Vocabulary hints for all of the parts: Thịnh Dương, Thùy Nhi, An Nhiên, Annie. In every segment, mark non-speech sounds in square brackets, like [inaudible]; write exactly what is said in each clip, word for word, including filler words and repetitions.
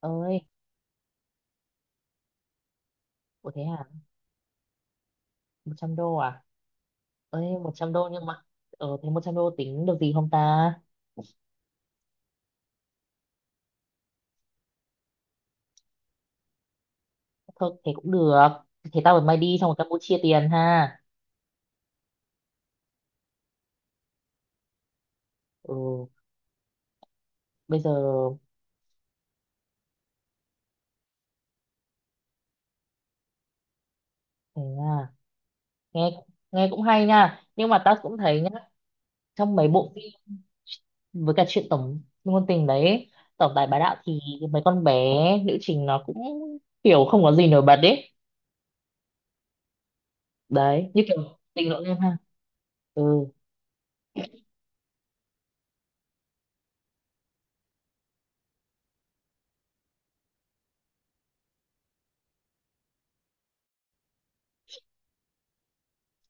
Ơi, ủa thế hả? Một trăm đô à? Ơi, một trăm đô nhưng mà ờ thế một trăm đô tính được gì không ta? Thôi thế cũng được. Thế tao với mày đi xong rồi Campuchia tiền ha. Ừ. Bây giờ. Thế à? Nghe nghe cũng hay nha, nhưng mà tao cũng thấy nhá trong mấy bộ phim với cả chuyện tổng ngôn tình đấy, tổng tài bá đạo thì mấy con bé nữ chính nó cũng kiểu không có gì nổi bật đấy. Đấy như kiểu tình lỗi em ha. Ừ.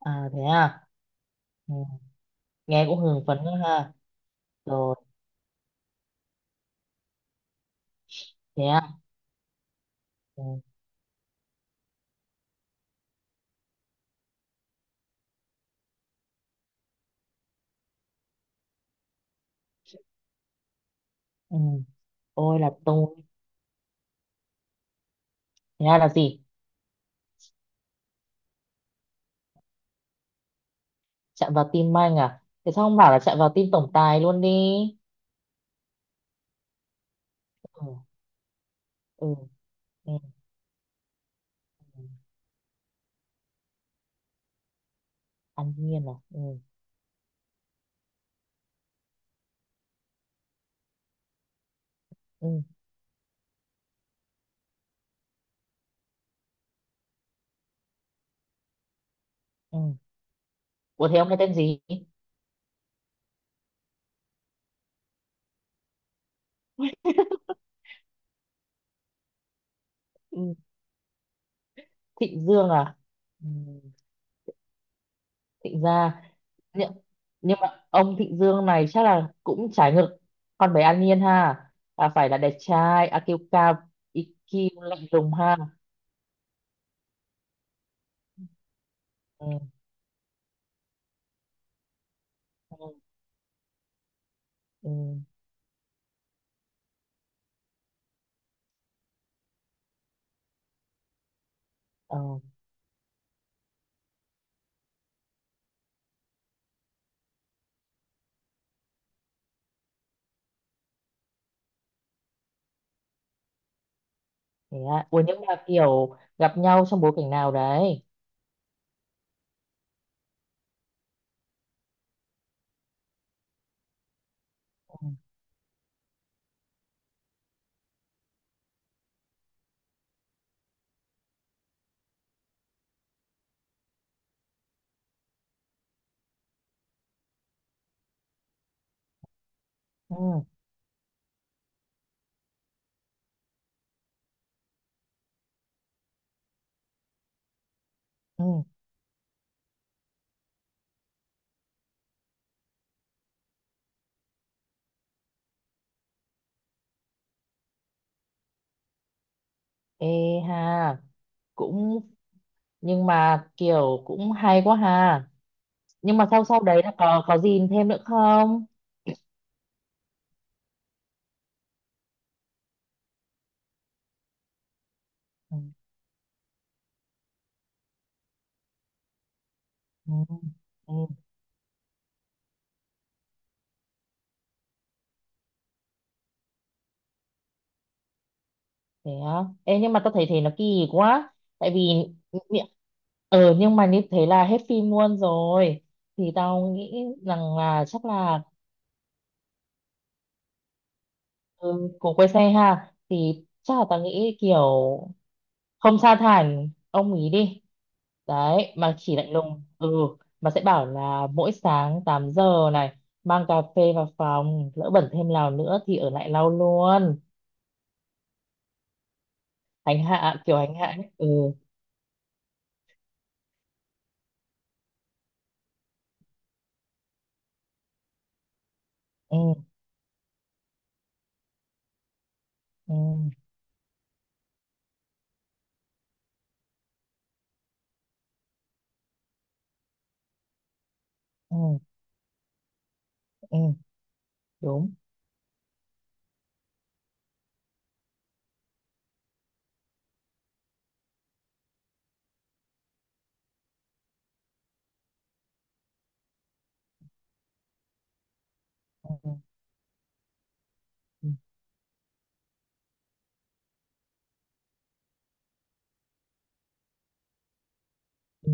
À thế à? Ừ. Nghe cũng hưng phấn ha. Rồi. Thế à? Ừ. Ừ. Tôi là tôi. Thế ra là gì? Chạm vào tim anh à, thế sao không bảo là chạm vào tim tổng tài luôn đi? Ừ. Ừ. Ừ. Ừ. An Nhiên à. Ừ. Ừ. Ừ. Ủa thế ông cái tên gì? [laughs] Ừ. Thịnh Dương à. Ừ. Thịnh Gia. Nhưng, nhưng mà ông Thịnh Dương này chắc là cũng trái ngược con bé An Nhiên ha, là phải là đẹp trai ai kiu cao, ai kiu lạnh lùng ha. Ừ. Ừ. Ừ. Ờ. Thế à? Ủa nhưng mà kiểu gặp nhau trong bối cảnh nào đấy? Ừ. Ừ. Ừ. Ê ha, cũng nhưng mà kiểu cũng hay quá ha. Nhưng mà sau sau đấy là có có gì thêm nữa không? Ừ. Ừ. Ừ. Thế á. Ê nhưng mà tao thấy thế nó kỳ quá. Tại vì mi- ờ nhưng mà như thế là hết phim luôn rồi. Thì tao nghĩ rằng là chắc là ừ, của quê xe ha thì chắc là tao nghĩ kiểu không sa thải ông ý đi, đấy mà chỉ lạnh lùng, ừ, mà sẽ bảo là mỗi sáng tám giờ này mang cà phê vào phòng, lỡ bẩn thêm nào nữa thì ở lại lau luôn. Hành hạ kiểu hành hạ ấy. Ừ. Ừ. Ừ. Ừ. Ừ. Đúng. Ừ. Ừ. Ừ. Ừ.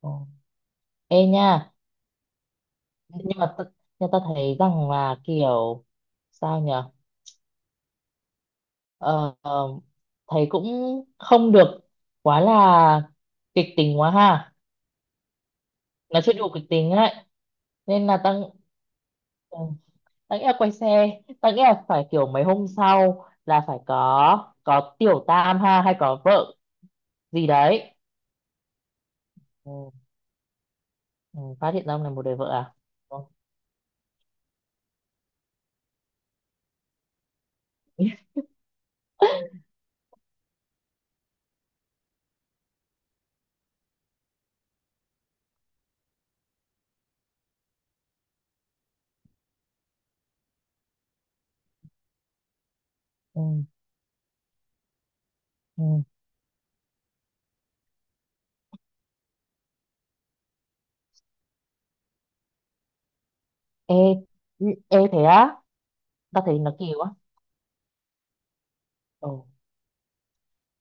Ờ, ê nha, nhưng mà ta, nhưng ta thấy rằng là kiểu, sao nhỉ? Ờ, ờ, Thấy cũng không được quá là kịch tính quá ha, nó chưa đủ kịch tính ấy, nên là tăng, tăng nghĩ là quay xe, tăng nghĩ là phải kiểu mấy hôm sau là phải có có tiểu tam ha hay có vợ gì đấy. Ừ. Ừ, phát hiện ra ông này một đời vợ à? Ừ, ừ. Ừ. Ê. Ừ. Ê thế á? Ta thấy nó kỳ quá. Ừ.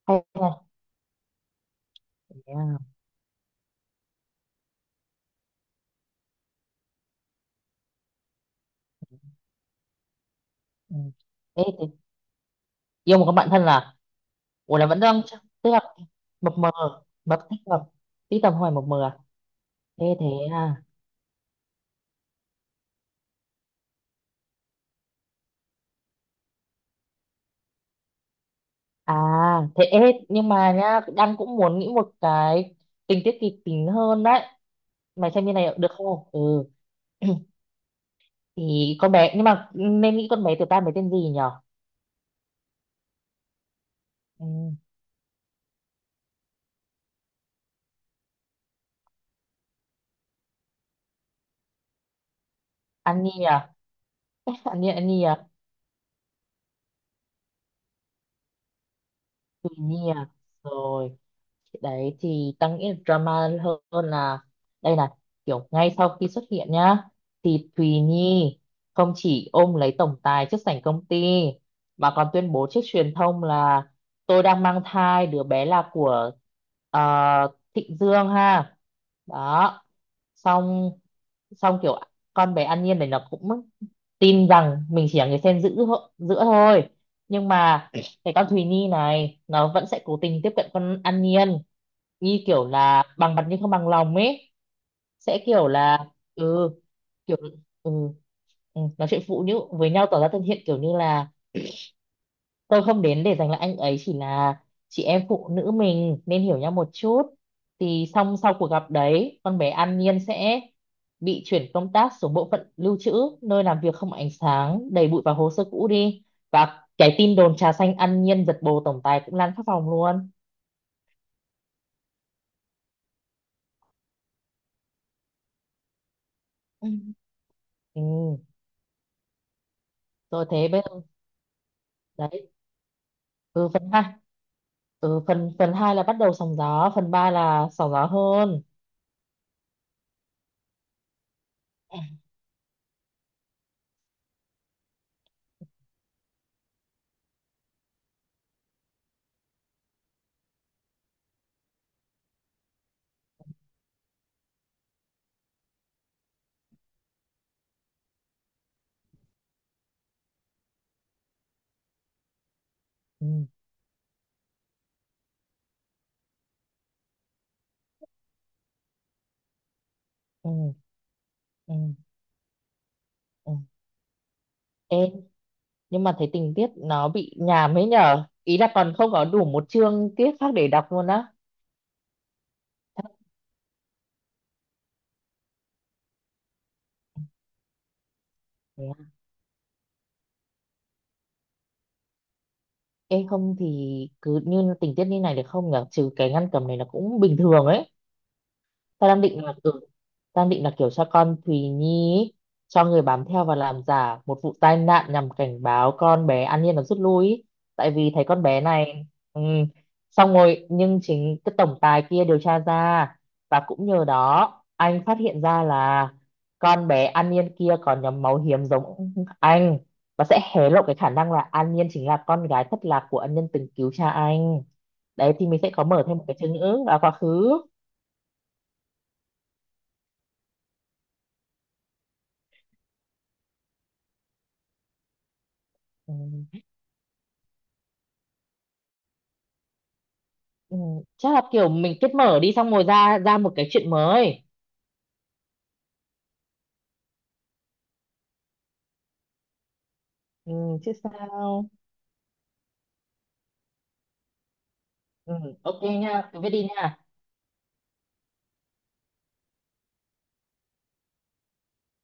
Hay nha. Thế à? Ừ. Ê thế yêu một con bạn thân à? Ủa là vẫn đang chắc- tức là mập mờ, mập tích mập tí tầm hoài mập mờ à? Thế thế à à thế. Ê, nhưng mà nhá, đang cũng muốn nghĩ một cái tình tiết kịch tính hơn đấy. Mày xem như này được không? Ừ. [clears throat] Thì con bé, nhưng mà nên nghĩ con bé tiểu tam bé tên gì nhở? Ừ. Annie à? [laughs] Annie Annie à? Tuy nhiên. Rồi đấy, thì tao nghĩ là drama hơn là, đây là kiểu ngay sau khi xuất hiện nhá, thì Thùy Nhi không chỉ ôm lấy tổng tài trước sảnh công ty mà còn tuyên bố trước truyền thông là tôi đang mang thai đứa bé là của ờ, Thịnh Dương ha. Đó, xong xong kiểu con bé An Nhiên này nó cũng tin rằng mình chỉ là người xen giữa giữa thôi, nhưng mà cái con Thùy Nhi này nó vẫn sẽ cố tình tiếp cận con An Nhiên, như kiểu là bằng mặt nhưng không bằng lòng ấy, sẽ kiểu là ừ, kiểu, ừ, ừ, nói chuyện phụ nữ với nhau tỏ ra thân thiện kiểu như là tôi không đến để giành lại anh ấy, chỉ là chị em phụ nữ mình nên hiểu nhau một chút. Thì xong sau cuộc gặp đấy con bé An Nhiên sẽ bị chuyển công tác xuống bộ phận lưu trữ, nơi làm việc không ánh sáng, đầy bụi và hồ sơ cũ đi, và cái tin đồn trà xanh An Nhiên giật bồ tổng tài cũng lan khắp phòng luôn. Ừ. Ừ. Rồi thế bây giờ đấy. Ừ, phần hai. Ừ, phần phần hai là bắt đầu sóng gió, phần ba là sóng gió hơn. Ừ. Ừ. Ừ. Ừ. Ê, nhưng mà thấy tình tiết nó bị nhàm ấy nhở, ý là còn không có đủ một chương tiết khác để đọc luôn á. Thế à? Ê không thì cứ như tình tiết như này được không nhở, trừ cái ngăn cầm này là cũng bình thường ấy. ta đang định là ừ, Ta đang định là kiểu cho con Thùy Nhi ý, cho người bám theo và làm giả một vụ tai nạn nhằm cảnh báo con bé An Nhiên nó rút lui ý, tại vì thấy con bé này ừ, xong rồi nhưng chính cái tổng tài kia điều tra ra, và cũng nhờ đó anh phát hiện ra là con bé An Nhiên kia có nhóm máu hiếm giống anh, và sẽ hé lộ cái khả năng là An Nhiên chính là con gái thất lạc của ân nhân từng cứu cha anh. Đấy thì mình sẽ có mở thêm một cái chương nữa vào quá khứ. Ừ. Ừ, chắc là kiểu mình kết mở đi xong rồi ra ra một cái chuyện mới. Ừ, chứ sao. Ừ, ok nha, cứ viết đi nha.